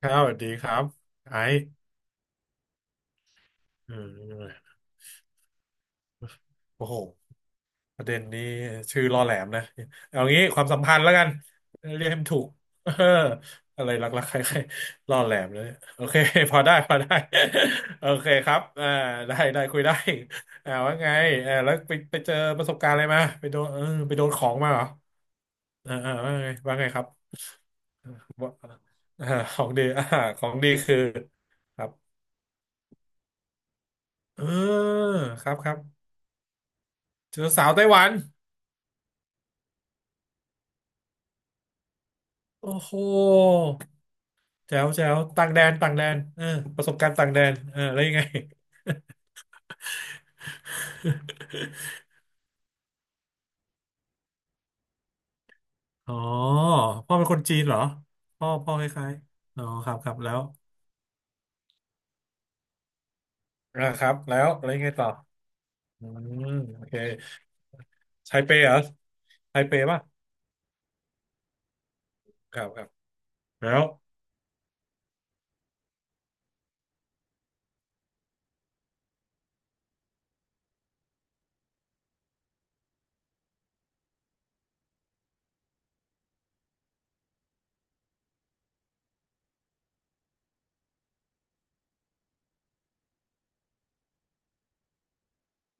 ครับสวัสดีครับไอซ์อืมโอ้โหประเด็นนี้ชื่อล่อแหลมนะเอางี้ความสัมพันธ์แล้วกันเรียกให้มันถูก เอออะไรรักๆใครๆล่อแหลมเลยโอเค พอได้พอได้ โอเคครับได้ได้คุยได้ว่าไงแล้วไปไปเจอประสบการณ์อะไรมาไปโดนเออไปโดนของมาเหรอว่าไงว่าไงครับว่าอ่าของดีของดีคือครับเออครับครับเจอสาวไต้หวัน โอ้โหแจ๋วแจ๋วต่างแดนต่างแดนเออประสบการณ์ต่างแดนเออแล้วยังไง อ๋อพ่อเป็นคนจีนเหรอพ่อพ่อคล้ายๆอ๋อครับครับแล้วครับแล้วยังไงต่ออืมโอเคไทเปเหรอไทเปป่ะครับครับแล้ว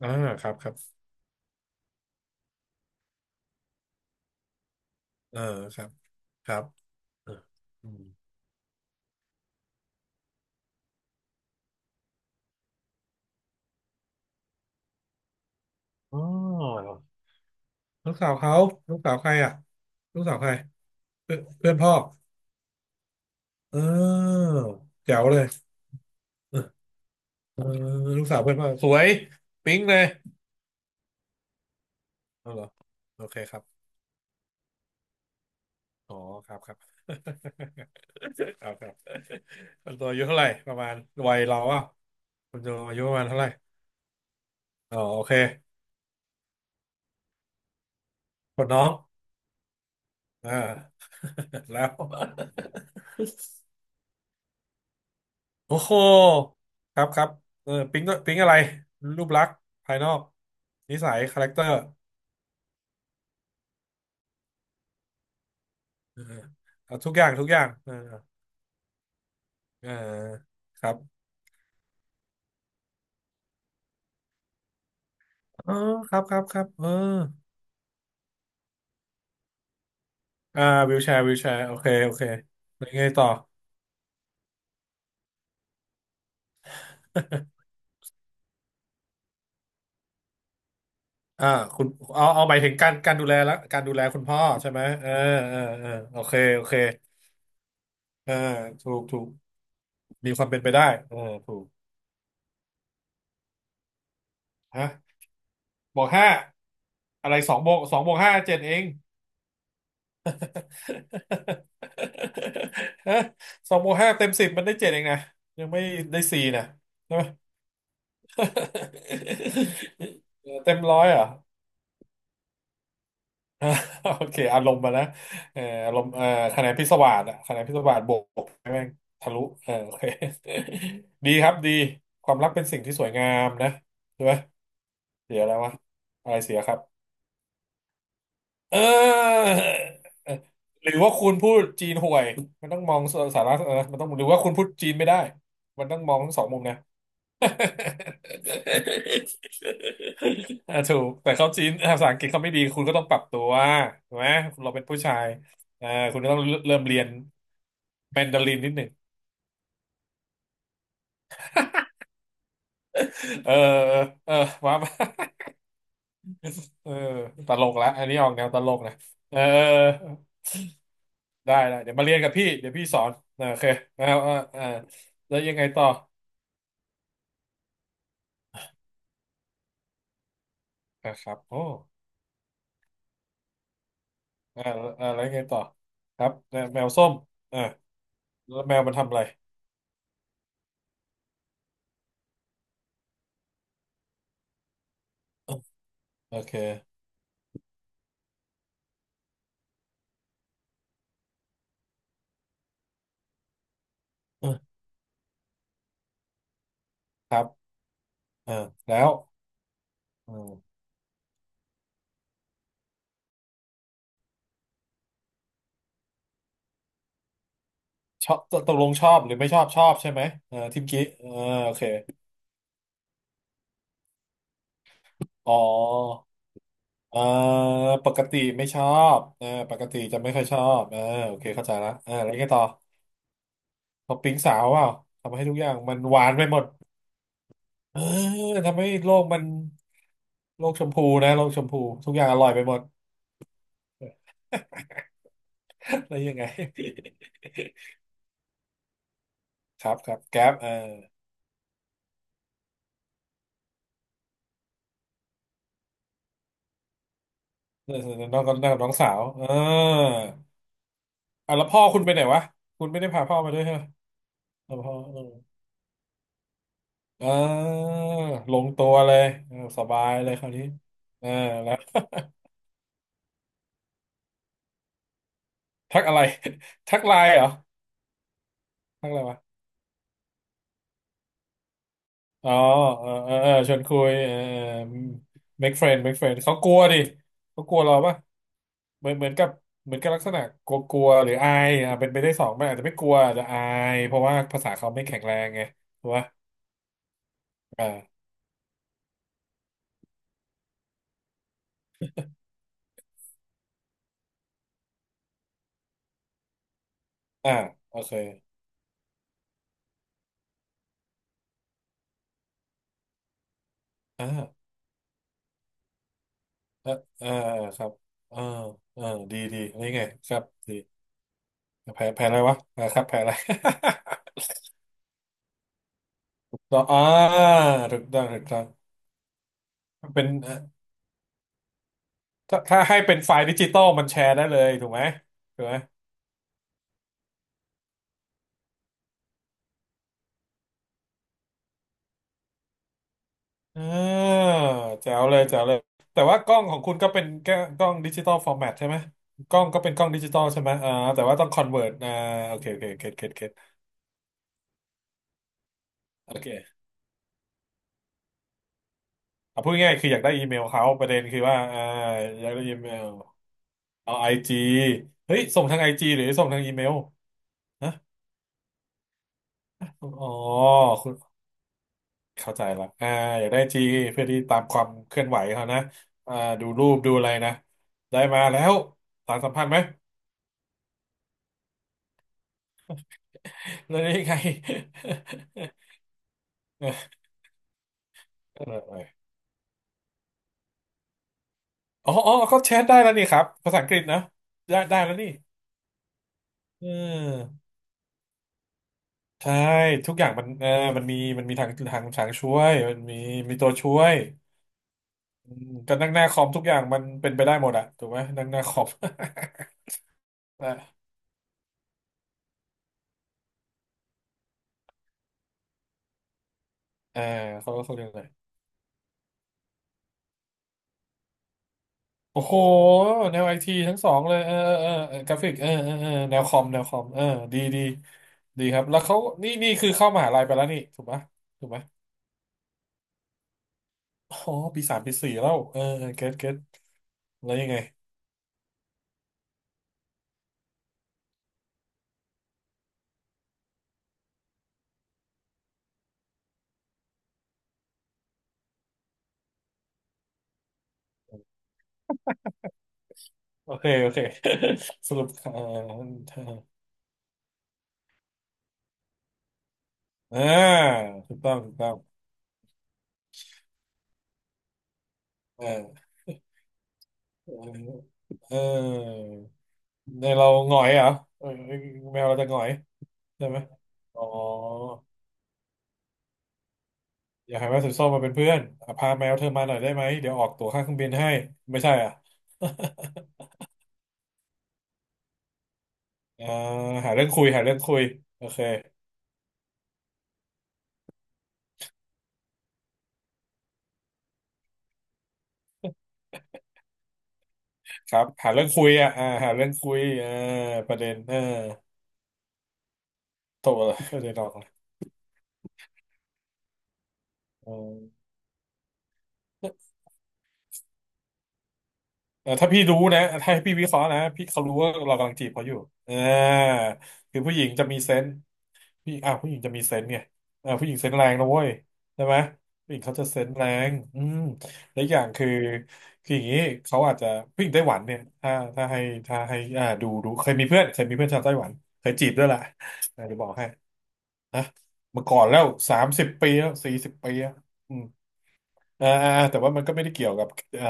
อ่าครับครับเออครับครับเอออืมอ๋อลูกสาวเขาลูกสาวใครอ่ะลูกสาวใครเพื่อนเพื่อนพ่อเออแจ๋วเลย เออลูกสาวเพื่อนพ่อสวยปิ๊งเลยเอาเหรอโอเคครับอ๋อครับครับ ครับครับคนโตัวอายุเท่าไหร่ประมาณวัยเราอ่ะคุณโตอายุประมาณเท่าไหร่อ๋อโอเคคนน้องอ่า แล้ว โอ้โหครับครับเออปิ๊งด้วยปิ๊งอะไรรูปลักษณ์ภายนอกนิสัยคาแรคเตอร์เออเอาทุกอย่างทุกอย่างเออเออครับเออครับครับครับเออ อ่าวิวแชร์วิวแชร์โอเคโอเคแล้วยังไงต่ออ่าคุณเอาเอาหมายถึงการการดูแลแล้วการดูแลคุณพ่อใช่ไหมเออเออเออโอเคโอเคเออถูกถูกมีความเป็นไปได้เออถูกฮะบวกห้าอะไรสองบวกสองบวกห้าเจ็ดเอง ฮะสองบวกห้าเต็มสิบมันได้เจ็ดเองนะยังไม่ได้สี่นะใช่ไหม เต็มร้อยเหรอ่ะ อ่าโอเคอารมณ์มานะเอออารมณ์เออคะแนนพิศวาสอะคะแนนพิศวาสบวกแม่งทะลุเออโอเค ดีครับดีความรักเป็นสิ่งที่สวยงามนะใช่ไหมเสียแล้ววะอะไรเสียครับเออ หรือว่าคุณพูดจีนห่วยมันต้องมองสาระเออมันต้องหรือว่าคุณพูดจีนไม่ได้มันต้องมองทั้งสองมุมนะ อ่ะถูกแต่เขาจีนภาษาอังกฤษเขาไม่ดีคุณก็ต้องปรับตัวถูกไหมคุณเราเป็นผู้ชายอ่าคุณก็ต้องเริ่มเรียนแมนดารินนิดหนึ่งเออเออว้าวเออตลกละอันนี้ออกแนวตลกนะเออได้ได้เดี๋ยวมาเรียนกับพี่เดี๋ยวพี่สอนโอเคเอาเอาเอาแล้วยังไงต่ออ่าครับโอ้อ่าแล้วยังไงต่อครับแมวส้มอ่าแล้วแมวมันทำอะไรโอเคครับอ่าแล้ว เออชอบตตกลงชอบหรือไม่ชอบชอบใช่ไหมเออทิมกี้เออโอเคอ๋อเออปกติไม่ชอบเออปกติจะไม่ค่อยชอบเออโอเคเข้าใจละเออแล้วไงต่อพอปิ๊งสาวเปล่าทำให้ทุกอย่างมันหวานไปหมดเออทำให้โลกมันโลกชมพูนะโลกชมพูทุกอย่างอร่อยไปหมด แล้วยังไงครับครับแก๊ปเออน้องน้องน้องสาวเอออ่ะแล้วพ่อคุณไปไหนวะคุณไม่ได้พาพ่อมาด้วยใช่ไหมเออพ่อเออ อ่าลงตัวเลยเออสบายเลยคราวนี้เออแล้วทักอะไร ทักไลน์เหรอทักอะไรวะอ๋อเออเออเออชวนคุยเออเออ make friend make friend เขากลัวดิเขากลัวเราปะเหมือนเหมือนกับเหมือนกับลักษณะกลัวกลัวหรืออายเป็นไปได้สองไหมอาจจะไม่กลัวอาจจะอายเพราะว่าภาษาเขาไม่แข็งแรงไงถูกปะอ่าอ่าโอเคอ่าเออเออครับอ่าอ่าดีดีนี่ไงครับดีแผลแผลอะไรวะครับแผลอะไร ต่อถูกต้องถูกต้องเป็นถ้าถ้าให้เป็นไฟล์ดิจิตอลมันแชร์ได้เลยถูกไหมถูกไหมอ่าแจ๋วเลยแจ๋วเลยแต่ว่ากล้องของคุณก็เป็นแค่กล้องดิจิตอลฟอร์แมตใช่ไหมกล้องก็เป็นกล้องดิจิตอลใช่ไหมแต่ว่าต้องคอนเวิร์ตโอเคโอเคเก็ตเก็ตเก็ตโอเคอ่ะพูดง่ายๆคืออยากได้อีเมลเขาประเด็นคือว่าอยากได้อีเมลเอาไอจีเฮ้ยส่งทางไอจีหรือส่งทางอีเมลนะอ๋อ เข้าใจละอยากได้จีเพื่อที่ตามความเคลื่อนไหวเขานะอ่าดูรูปดูอะไรนะ ได้มาแล้วสารสัมพันธ์ไหม แล้วนี่ไง เอออ๋ออ๋อก็แชทได้แล้วนี่ครับภาษาอังกฤษนะได้แล้วนี่เออใช่ทุกอย่างมันมันมีทางช่วยมันมีมีตัวช่วยอืมก็นั่งหน้าคอมทุกอย่างมันเป็นไปได้หมดอะถูกไหมนั่งหน้าคอม เออเออเขาเรียกอะไร โอ้โหแนวไอทีทั้งสองเลยเออกราฟิกแนวคอมเออดีดีครับแล้วเขานี่นี่คือเข้ามหาลัยไปแล้วนี่ถูกปะถูกไหมอ๋อปี 3ปี 4แล้วเออเก็ตแล้วยังไงโอเคโอเค สรุปเออเออาถูกต้องถูกต้องเออเออเออในเราหงอยเหรอเออแมวเราจะหงอยใช่ไหมอ๋อ อยากให้แมวสีส้มมาเป็นเพื่อนอ่ะพาแมวเธอมาหน่อยได้ไหม เดี๋ยวออกตั๋วค่าเครื่องบินให้ไม่ใช่อ่ะ อ่าหาเรื่องคุยหาเรื่องคุยโอเคครับหาเรื่องคุยอ่ะอ่าหาเรื่องคุยประเด็นเออโตเลยประเด็นออกเลยเออถ้าพี่รู้นะถ้าให้พี่วิเคราะห์นะพี่เขารู้ว่าเรากำลังจีบเขาอยู่ อ่าคือผู้หญิงจะมีเซนส์ ผู้หญิงอ่ะผู้หญิงจะมีเซนส์ไงอ่ะผู้หญิงเซนส์แรงนะเว้ยใช่ไหมผู้หญิงเขาจะเซนส์แรงอืมและอกอย่างคือคืออย่างนี้เขาอาจจะผู้หญิงไต้หวันเนี่ยถ้าให้ดูเคยมีเพื่อนชาวไต้หวันเคยจีบด้วยแหละเดบอกให้นะเมื่อก่อนแล้ว30 ปีแล้ว40 ปีแล้ว แต่ว่ามันก็ไม่ได้เกี่ยวกับเอ่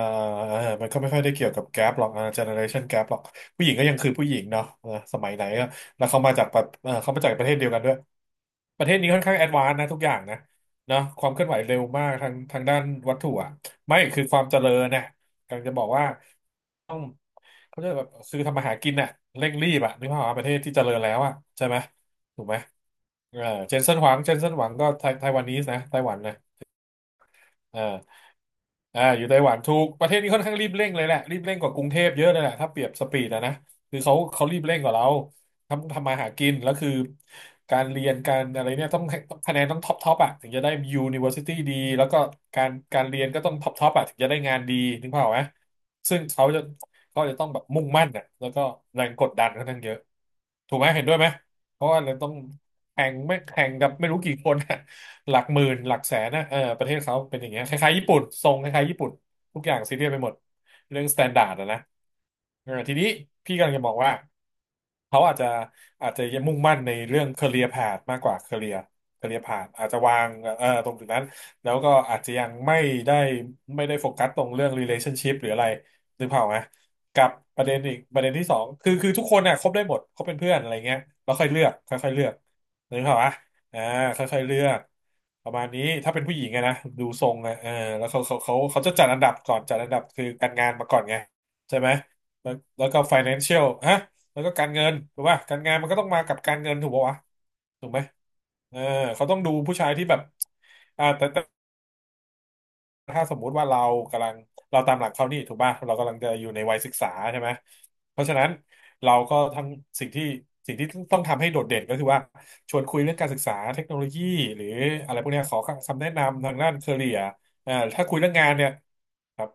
มันก็ไม่ค่อยได้เกี่ยวกับแก p หรอกเจเนอเรชันแกปหรอกผู้หญิงก็ยังคือผู้หญิงเนาะสมัยไหนก็แล้วเขามาจากประเขามาจากประเทศเดียวกันด้วยประเทศนี้ค่อนข้างแอดวานซ์นะทุกอย่างนะเนาะความเคลื่อนไหวเร็วมากทางด้านวัตถุอ่ะไม่คือความเจริญนะกำลังจะบอกว่าต้องเขาเรียกแบบคือทำมาหากินน่ะเร่งรีบอ่ะนึกภาพว่าประเทศที่เจริญแล้วอ่ะใช่ไหมถูกไหมเออเจนเซนหวังก็ไต้หวันนีสนะไต้หวันนะ เอออยู่ไต้หวันถูกประเทศนี้ค่อนข้างรีบเร่งเลยแหละรีบเร่งกว่ากรุงเทพเยอะเลยแหละถ้าเปรียบสปีดอะนะคือเขารีบเร่งกว่าเราทำมาหากินแล้วคือการเรียนการอะไรเนี่ยต้องต้องคะแนนต้องท็อปอะถึงจะได้ University ดีแล้วก็การเรียนก็ต้องท็อปอะถึงจะได้งานดีนึกภาพออกไหมซึ่งเขาจะเขาจะต้องแบบมุ่งมั่นอะแล้วก็แรงกดดันค่อนข้างเยอะถูกไหมเห็นด้วยไหมเพราะว่าเราต้อง แข่งกับไม่รู้กี่คนอะ หลักหมื่นหลักแสนนะเออประเทศเขาเป็นอย่างเงี้ยคล้ายๆญี่ปุ่นทรงคล้ายๆญี่ปุ่นทุกอย่างซีเรียสไปหมดเรื่องสแตนดาร์ดนะเออทีนี้พี่กำลังจะบอกว่าเขาอาจจะอาจจะยังมุ่งมั่นในเรื่อง career path มากกว่า career career path อาจจะวางเออตรงจุดนั้นแล้วก็อาจจะยังได้ไม่ได้โฟกัสตรงเรื่อง relationship หรืออะไรนึกภาพออกไหมกับประเด็นอีกประเด็นที่สองคือทุกคนน่ะคบได้หมดคบเป็นเพื่อนอะไรเงี้ยแล้วค่อยเลือกค่อยๆเลือก นึกภาพอ่ะอ่าค่อยๆเลือกประมาณนี้ถ้าเป็นผู้หญิงไงนะดูทรงอะเออแล้วเขาจะจัดอันดับก่อนจัดอันดับคือการงานมาก่อนไงใช่ไหมแล้วแล้วก็ financial ฮะแล้วก็การเงินถูกป่ะการงานมันก็ต้องมากับการเงินถูกป่ะวะถูกไหมเออเขาต้องดูผู้ชายที่แบบอ่าแต่ ถ้าสมมุติว่าเรากำลังเราตามหลักเขานี่ถูกป่ะเรากำลังจะอยู่ในวัยศึกษาใช่ไหมเพราะฉะนั้นเราก็ทั้งสิ่งที่สิ่งที่ต้องทำให้โดดเด่นก็คือว่าชวนคุยเรื่องการศึกษาเทคโนโลยีหรืออะไรพวกเนี้ยขอคำแนะนำทางด้านเคเรียถ้าคุยเรื่องงานเนี่ยครับ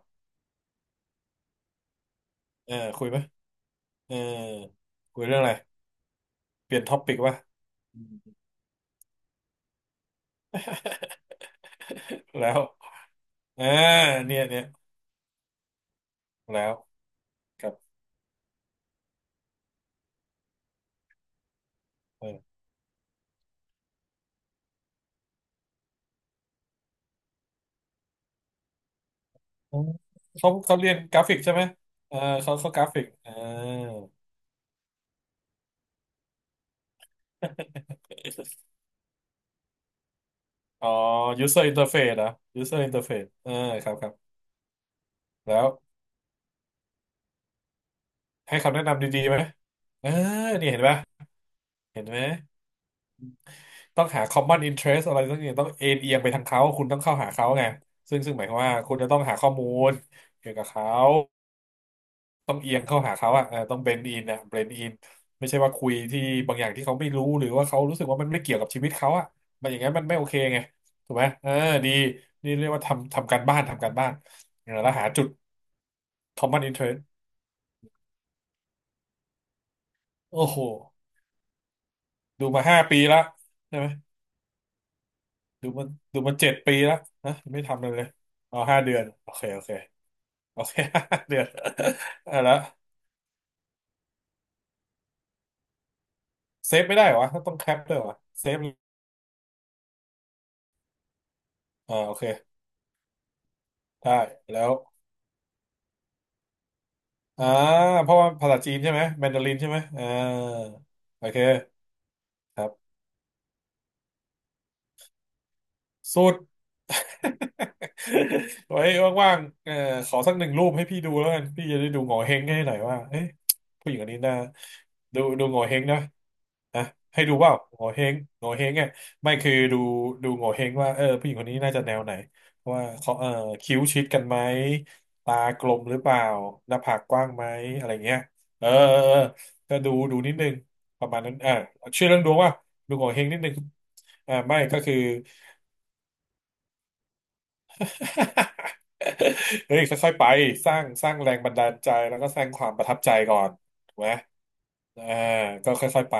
เออคุยไหมเออคุยเรื่องอะไรเปลี่ยนท็อปิกว่ะ แล้วอ่าเนี่ยเนี่ยแล้วครับเออเขาเรียนกราฟิกใช่ไหมเออเขากราฟิกอ่า อ๋อ user interface นะ user interface เออครับแล้วให้คำแนะนำดีๆไหมเออนี่เห็นไหม เห็นไหม ต้องหา common interest อะไรสักอย่างต้องเอ็นเอียงไปทางเขา คุณต้องเข้าหาเขาไงซึ่งหมายความว่าคุณจะต้องหาข้อมูลเกี่ยวกับเขา ต้องเอียงเข้าหาเขาอ่ะเออต้องเบนอินอ่ะเบนอินไม่ใช่ว่าคุยที่บางอย่างที่เขาไม่รู้หรือว่าเขารู้สึกว่ามันไม่เกี่ยวกับชีวิตเขาอ่ะมันอย่างนั้นมันไม่โอเคไงถูกไหมเออดีนี่เรียกว่าทำการบ้านทำการบ้านแล้วหาจุด common interest โอ้โหดูมาห้าปีละใช่ไหมดูมาดูมาเจ็ดปีละนะไม่ทำเลยเลยเอาห้าเดือนโอเคโอเคโอเค ห้าเดือนอ่ะแล้วเซฟไม่ได้เหรอวะต้องแคปด้วยเหรอเซฟอ่าโอเคได้แล้วอ่าเพราะว่าภาษาจีนใช่ไหมแมนดารินใช่ไหมอ่าโอเคครับสุด ไว้ว่างๆเออขอสักหนึ่งรูปให้พี่ดูแล้วกันพี่จะได้ดูโง่เฮงให้หน่อยว่าเอ๊ะผู้หญิงคนนี้นะดูดูโง่เฮงนะนะให้ดูว่าโง่เฮงโง่เฮงอ่ไม่คือดูดูโง่เฮงว่าเออผู้หญิงคนนี้น่าจะแนวไหนว่าเขาเออคิ้วชิดกันไหมตากลมหรือเปล่าหน้าผากกว้างไหมอะไรเงี้ยเออเออเออก็ดูดูนิดนึงประมาณนั้นอ่าชื่อเรื่องดวงว่าดูโง่เฮงนิดนึงอ่าไม่ก็คือ เฮ้ยค่อยๆไปสร้างแรงบันดาลใจแล้วก็สร้างความประทับใจก่อนถูกไหมอ่าก็ค่อยๆไป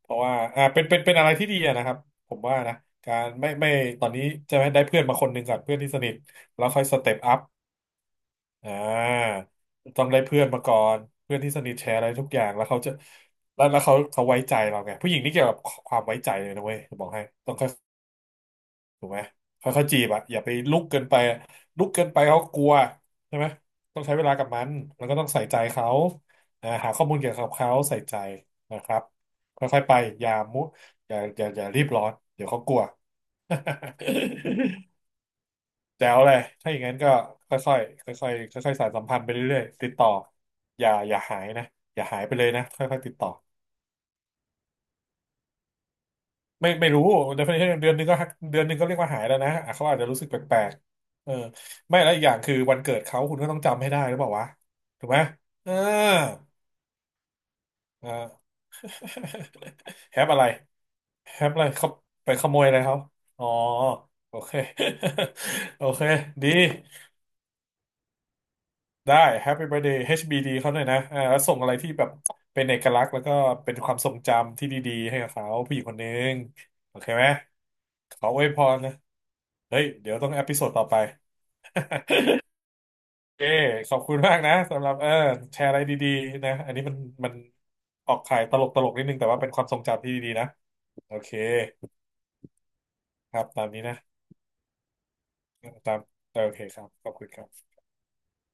เพราะว่าอ่าเป็นอะไรที่ดีอะนะครับผมว่านะการไม่ตอนนี้จะไหมได้เพื่อนมาคนหนึ่งก่อนเพื่อนที่สนิทแล้วค่อยสเต็ปอัพอ่าต้องได้เพื่อนมาก่อนเพื่อนที่สนิทแชร์อะไรทุกอย่างแล้วเขาจะแล้วเขาเขาไว้ใจเราไงผู้หญิงนี่เกี่ยวกับความไว้ใจเลยนะเว้ยจะบอกให้ต้อง ถูกไหมค่อยๆจีบอะอย่าไปลุกเกินไปอะลุกเกินไปเขากลัวใช่ไหมต้องใช้เวลากับมันแล้วก็ต้องใส่ใจเขาอ่าหาข้อมูลเกี่ยวกับเขาใส่ใจนะครับค่อยๆไปอย่ามุอย่ารีบร้อนเดี๋ยวเขากลัว แจ๋วเลยถ้าอย่างนั้นก็ค่อยๆค่อยๆค่อยๆสานสัมพันธ์ไปเรื่อยๆติดต่ออย่าหายนะอย่าหายไปเลยนะค่อยๆติดต่อ ไม่รู้ definition เดือนหนึงก็หักเดือนหนึงก็เรียกว่าหายแล้วนะอ่ะเขาอาจจะรู้สึกแปลกๆเออไม่แล้วอีกอย่างคือวันเกิดเขาคุณก็ต้องจำให้ได้หรือเปล่าวะถูกไหมเออเออ แฮปอะไรแฮปอะไรเขาไปขโมยอะไรเขาอ๋อโอเค โอเคดีได้ Happy Birthday HBD เขาหน่อยนะอ่าแล้วส่งอะไรที่แบบเป็นเอกลักษณ์แล้วก็เป็นความทรงจำที่ดีๆให้กับเขาผู้หญิงคนหนึงโอเคไหมขออวยพรนะ เฮ้ยเดี๋ยวต้องเอพิโซดต่อไปเอคขอบคุณมากนะสำหรับเออแชร์อะไรดีๆนะอันนี้มันมันออกขายตลกนิดนึงแต่ว่าเป็นความทรงจำที่ดีๆนะโอเคครับตามนี้นะตามโอเคครับขอบคุณครับ